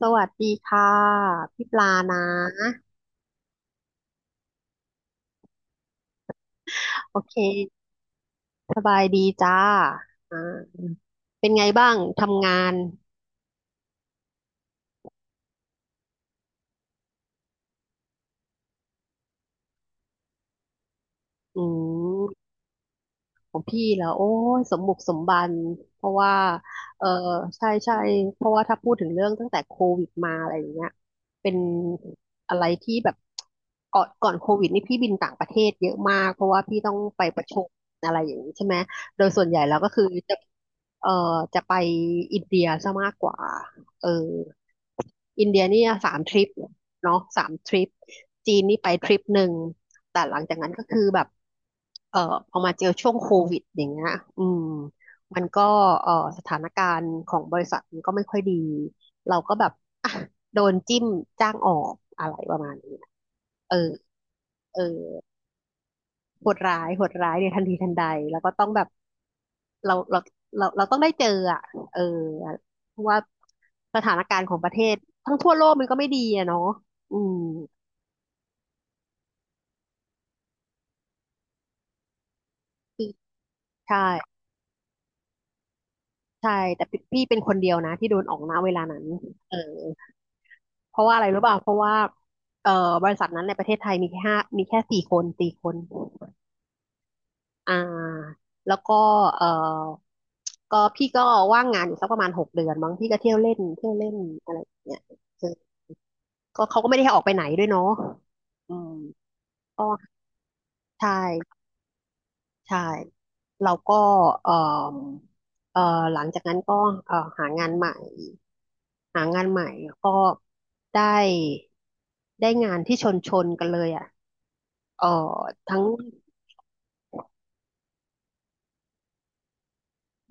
สวัสดีค่ะพี่ปลานะโอเคสบายดีจ้าอ่าเป็นไงบ้างทำงานอืม ของพี่แล้วโอ้ยสมบุกสมบันเพราะว่าเออใช่ใช่เพราะว่าถ้าพูดถึงเรื่องตั้งแต่โควิดมาอะไรอย่างเงี้ยเป็นอะไรที่แบบก่อนโควิดนี่พี่บินต่างประเทศเยอะมากเพราะว่าพี่ต้องไปประชุมอะไรอย่างนี้ใช่ไหมโดยส่วนใหญ่แล้วก็คือจะเออจะไปอินเดียซะมากกว่าเอออินเดียนี่สามทริปเนาะสามทริปจีนนี่ไปทริปหนึ่ง แต่หลังจากนั้นก็คือแบบเอ่อพอมาเจอช่วงโควิดอย่างเงี้ยอืมมันก็เอ่อสถานการณ์ของบริษัทมันก็ไม่ค่อยดี เราก็แบบอ่ะโดนจิ้มจ้างออกอะไรประมาณนี้เออเออโหดร้ายโหดร้ายในทันทีทันใดแล้วก็ต้องแบบเราเราเราต้องได้เจออ่ะเออเพราะว่าสถานการณ์ของประเทศทั้งทั่วโลกมันก็ไม่ดีอะเนาะอืมใช่ ใช่แต่พี่เป็นคนเดียวนะที่โดนออกณเวลานั้นเออเพราะว่าอะไรรู้ป่ะเพราะว่าเอ่อบริษัทนั้นในประเทศไทยมีแค่ห้ามีแค่สี่คนสี่คนอ่าแล้วก็เอ่อก็พี่ก็ว่างงานอยู่สักประมาณ6 เดือนบางพี่ก็เที่ยวเล่นเที่ยวเล่นอะไรอย่างเงี้ยเออก็เขาก็ไม่ได้ให้ออกไปไหนด้วยเนาะอืมก็ใช่ใช่เราก็เอ่อเอ่อหลังจากนั้นก็หางานใหม่ หางานใหม่ก็ได้ได้งานที่ชนชนกันเลยอ่ะเออทั้ง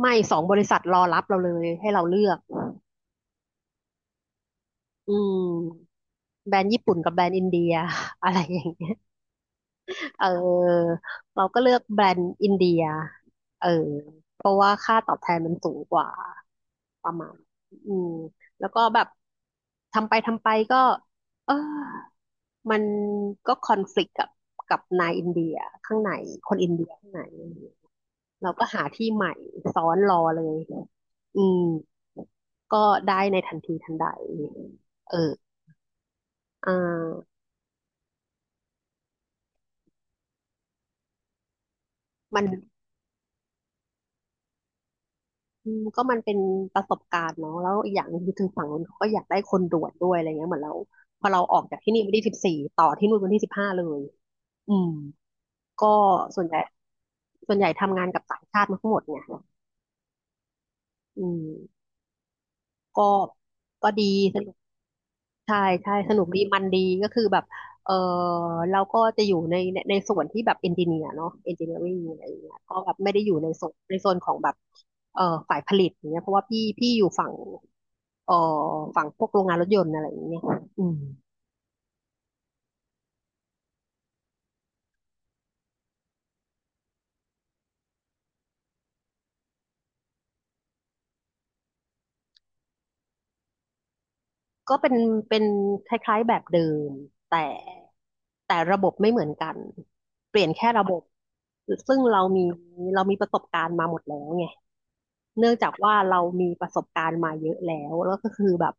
ไม่2 บริษัทรอรับเราเลยให้เราเลือกอืมแบรนด์ญี่ปุ่นกับแบรนด์อินเดีย อะไรอย่างเงี้ยเออเราก็เลือกแบรนด์อินเดียเออเพราะว่าค่าตอบแทนมันสูงกว่าประมาณอืมแล้วก็แบบทำไปทำไปก็เออ มันก็คอนฟ lict กับนายอินเดียข้างในคนอินเดียข้างในเราก็หาที่ใหม่ซ้อนรอเลยอืมก็ได้ในทันทีทันใดเอออ่ามันอืมก็มันเป็นประสบการณ์เนาะแล้วอีกอย่างหนึงคือถึงฝั่งนู้นเขาก็อยากได้คนด่วนด้วยอะไรเงี้ยเหมือนเราพอเราออกจากที่นี่วันที่ 14ต่อที่นู่นวันที่ 15เลยอืมก็ส่วนใหญ่ส่วนใหญ่ทำงานกับต่างชาติมาทั้งหมดเนี่ยอืมก็ก็ดีสนุก ใช่ใช่สนุกดีมันดีก็คือแบบเออเราก็จะอยู่ในส่วนที่แบบเอนจิเนียร์เนาะเอนจิเนียริงอะไรอย่างเงี้ยก็แบบไม่ได้อยู่ในโซนในโซนของแบบเออฝ่ายผลิตอย่างเงี้ยเพราะว่าพี่อยู่ฝั่งเออฝั่งพวกโรงงานรถยนต์อะไรอย่างเงี้ยอืมก็เป็นคล้ายๆแบบเดิมแต่แต่ระบบไม่เหมือนกันเปลี่ยนแค่ระบบซึ่งเรามีประสบการณ์มาหมดแล้วไง เนื่องจากว่าเรามีประสบการณ์มาเยอะแล้วแล้วก็คือแบบ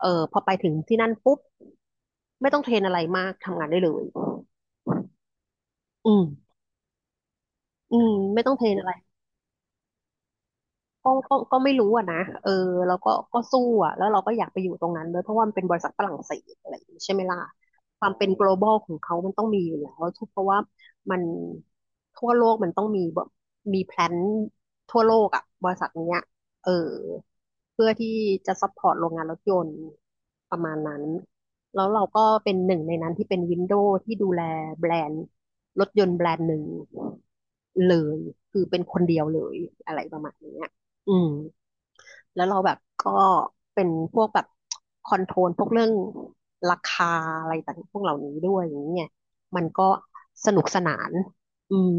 พอไปถึงที่นั่นปุ๊บไม่ต้องเทรนอะไรมากทำงานได้เลย อืมอืมไม่ต้องเทรนอะไร ก็ไม่รู้อะนะแล้วก็ก็สู้อะแล้วเราก็อยากไปอยู่ตรงนั้นด้วยเพราะว่ามันเป็นบริษัทฝรั่งเศสอะไรอย่างนี้ใช่ไหมล่ะความเป็น global ของเขามันต้องมีอยู่แล้วทุกเพราะว่ามันทั่วโลกมันต้องมีแบบมีแพลนทั่วโลกอะบริษัทเนี้ยเออเพื่อที่จะซัพพอร์ตโรงงานรถยนต์ประมาณนั้นแล้วเราก็เป็นหนึ่งในนั้นที่เป็นวินโดว์ที่ดูแลแบรนด์รถยนต์แบรนด์หนึ่งเลยคือเป็นคนเดียวเลยอะไรประมาณเนี้ย อืมแล้วเราแบบก็เป็นพวกแบบคอนโทรลพวกเรื่องราคาอะไรต่างๆพวกเหล่านี้ด้วยอย่างเงี้ยมันก็สนุกสนานอืม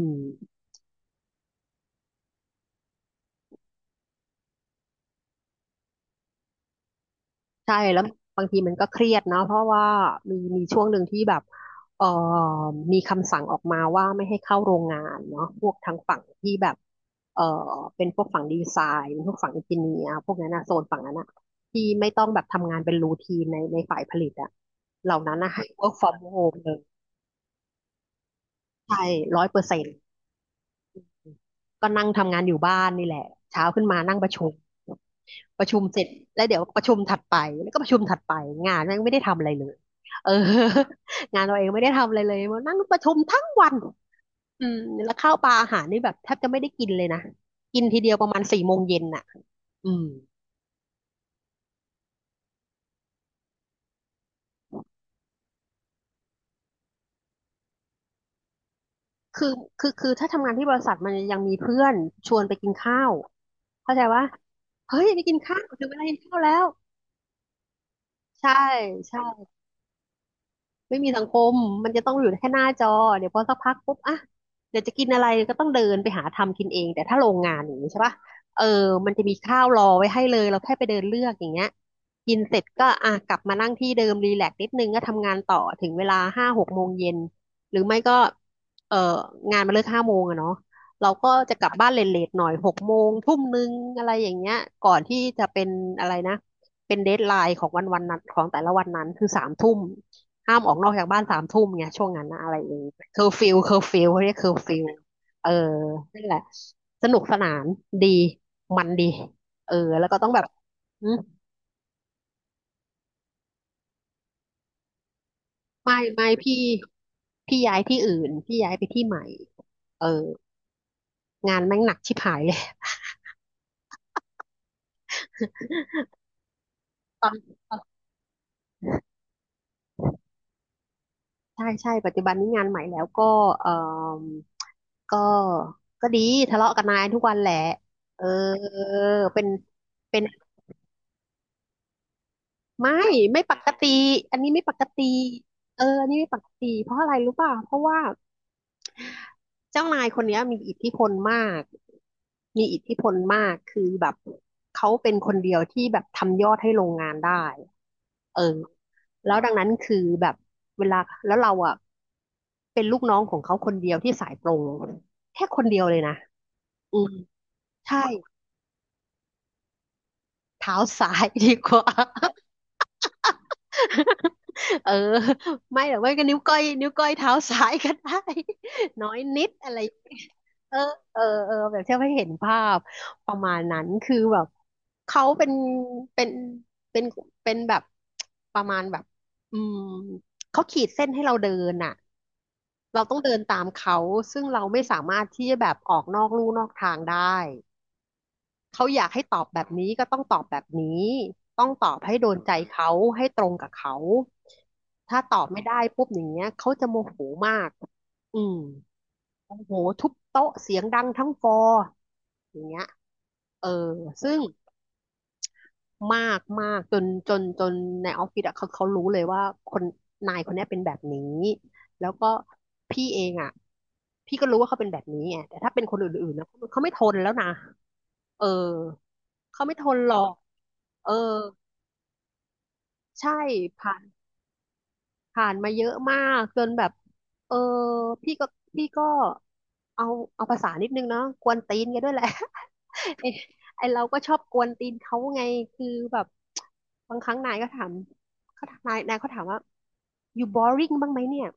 ใช่แล้วบางทีมันก็เครียดเนาะเพราะว่ามีช่วงหนึ่งที่แบบเอ่อมีคำสั่งออกมาว่าไม่ให้เข้าโรงงานเนาะพวกทางฝั่งที่แบบเอ่อเป็นพวกฝั่งดีไซน์พวกฝั่งอินจิเนียร์พวกนั้นนะโซนฝั่งนั้นนะที่ไม่ต้องแบบทำงานเป็นรูทีนในฝ่ายผลิตอะเหล่านั้นนะให้ work from home เลยใช่100%ก็นั่งทำงานอยู่บ้านนี่แหละเช้าขึ้นมานั่งประชุม ประชุมเสร็จแล้วเดี๋ยวประชุมถัดไปแล้วก็ประชุมถัดไปงานแม่งไม่ได้ทำอะไรเลยเออ งานเราเองไม่ได้ทำอะไรเลยมานั่งประชุมทั้งวันอืมแล้วข้าวปลาอาหารนี่แบบแทบจะไม่ได้กินเลยนะกินทีเดียวประมาณสี่โมงเย็นน่ะอืมคือคือถ้าทำงานที่บริษัทมันยังมีเพื่อนชวนไปกินข้าวเข้าใจว่าเฮ้ยไปกินข้าวถึงเวลากินข้าวแล้วใช่ใช่ ไม่มีสังคมมันจะต้องอยู่แค่หน้าจอ เดี๋ยวพอสักพักปุ๊บอ่ะเดี๋ยวจะกินอะไรก็ต้องเดินไปหาทำกินเอง แต่ถ้าโรงงานอย่างนี้ใช่ปะเออมันจะมีข้าวรอไว้ให้เลย เราแค่ไปเดินเลือกอย่างเงี้ย กินเสร็จก็อ่ะกลับมานั่งที่เดิมรีแลกซ์นิดนึงก็ทำงานต่อถึงเวลาห้าหกโมงเย็นหรือไม่ก็เอองานมาเลิกห้าโมงอะเนาะเราก็จะกลับบ้านเลทๆหน่อยหกโมงทุ่มนึงอะไรอย่างเงี้ยก่อนที่จะเป็นอะไรนะเป็นเดดไลน์ของวันวันนั้นของแต่ละวันนั้นคือสามทุ่ม ห้ามออกนอกจากบ้านสามทุ่มไงยช่วงนั้นนะอะไรอย่างเงี้ยเคอร์ฟิวเขาเรียกเคอร์ฟิวเออนั่นแหละสนุกสนานดีมันดีเออแล้วก็ต้องแบบหึไม่พี่พี่ย้ายที่อื่นพี่ย้ายไปที่ใหม่เอองานแม่งหนักชิบหาย เลยตอนตอนใช่ใช่ปัจจุบันนี้งานใหม่แล้วก็เออก็ก็ดีทะเลาะกับนายทุกวันแหละเออเป็นเป็น ไม่ไม่ปกติอันนี้ไม่ปกติเอออันนี้ไม่ปกติเพราะอะไรรู้ป่ะเพราะว่าเจ้านายคนเนี้ยมีอิทธิพลมากมีอิทธิพลมากคือแบบเขาเป็นคนเดียวที่แบบทำยอดให้โรงงานได้เออแล้วดังนั้นคือแบบเวลาแล้วเราอ่ะเป็นลูกน้องของเขาคนเดียวที่สายตรงแค่คนเดียวเลยนะอืมใช่เท้าซ้ายดีกว่า เออไม่หรอกไม่ก็นิ้วก้อยนิ้วก้อยเท้าซ้ายก็ได้ น้อยนิดอะไรเออเออแบบเที่ยวให้เห็นภาพประมาณนั้นคือแบบเขาเป็นเป็นเป็นแบบประมาณแบบอืมเขาขีดเส้นให้เราเดินน่ะเราต้องเดินตามเขาซึ่งเราไม่สามารถที่จะแบบออกนอกลู่นอกทางได้ เขาอยากให้ตอบแบบนี้ก็ต้องตอบแบบนี้ ต้องตอบให้โดนใจเขา ให้ตรงกับเขา ถ้าตอบไม่ได้ปุ๊บอย่างเงี้ยเขาจะโมโหมากอืมโมโหทุบโต๊ะเสียงดังทั้งฟลอร์อย่างเงี้ยเออซึ่ง มากมากจนจนจนในออฟฟิศอะเขารู้เลยว่าคนนายคนเนี้ยเป็นแบบนี้แล้วก็พี่เองอะพี่ก็รู้ว่าเขาเป็นแบบนี้ไงแต่ถ้าเป็นคนอื่นๆนะเขาไม่ทนแล้วนะเออเขาไม่ทนหรอกเออใช่ผ่าน ผ่านมาเยอะมากจนแบบเออพี่ก็พี่ก็เอาเอาภาษานิดนึงเนาะกวนตีนกันด้วยแหละ ไอ้ไอเราก็ชอบกวนตีนเขาไงคือแบบบางครั้งนายก็ถามเขาถามนายนายเขาถามว่า you boring บ้างไหมเนี่ย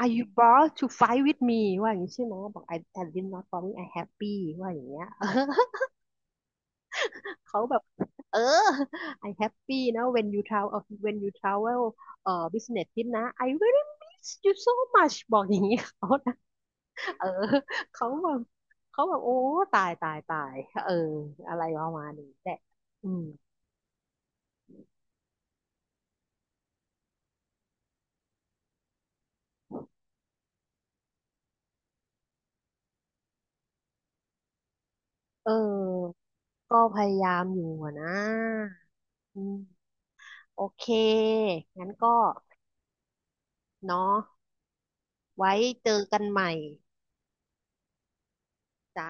are you bored to fight with me ว่าอย่างนี้ใช่ไหมบอก I did not boring I happy ว่าอย่างเงี้ย เขาแบบเออ I happy นะ when you travel เอ่อ business trip นะ I really miss you so much บอกอย่างนี้เขานะเออเขาแบบเขาแบบโอ้ตายเอออะไรประมาณนี้แหละอืมเออก็พยายามอยู่อะนะอืมโอเคงั้นก็เนาะไว้เจอกันใหม่จ้า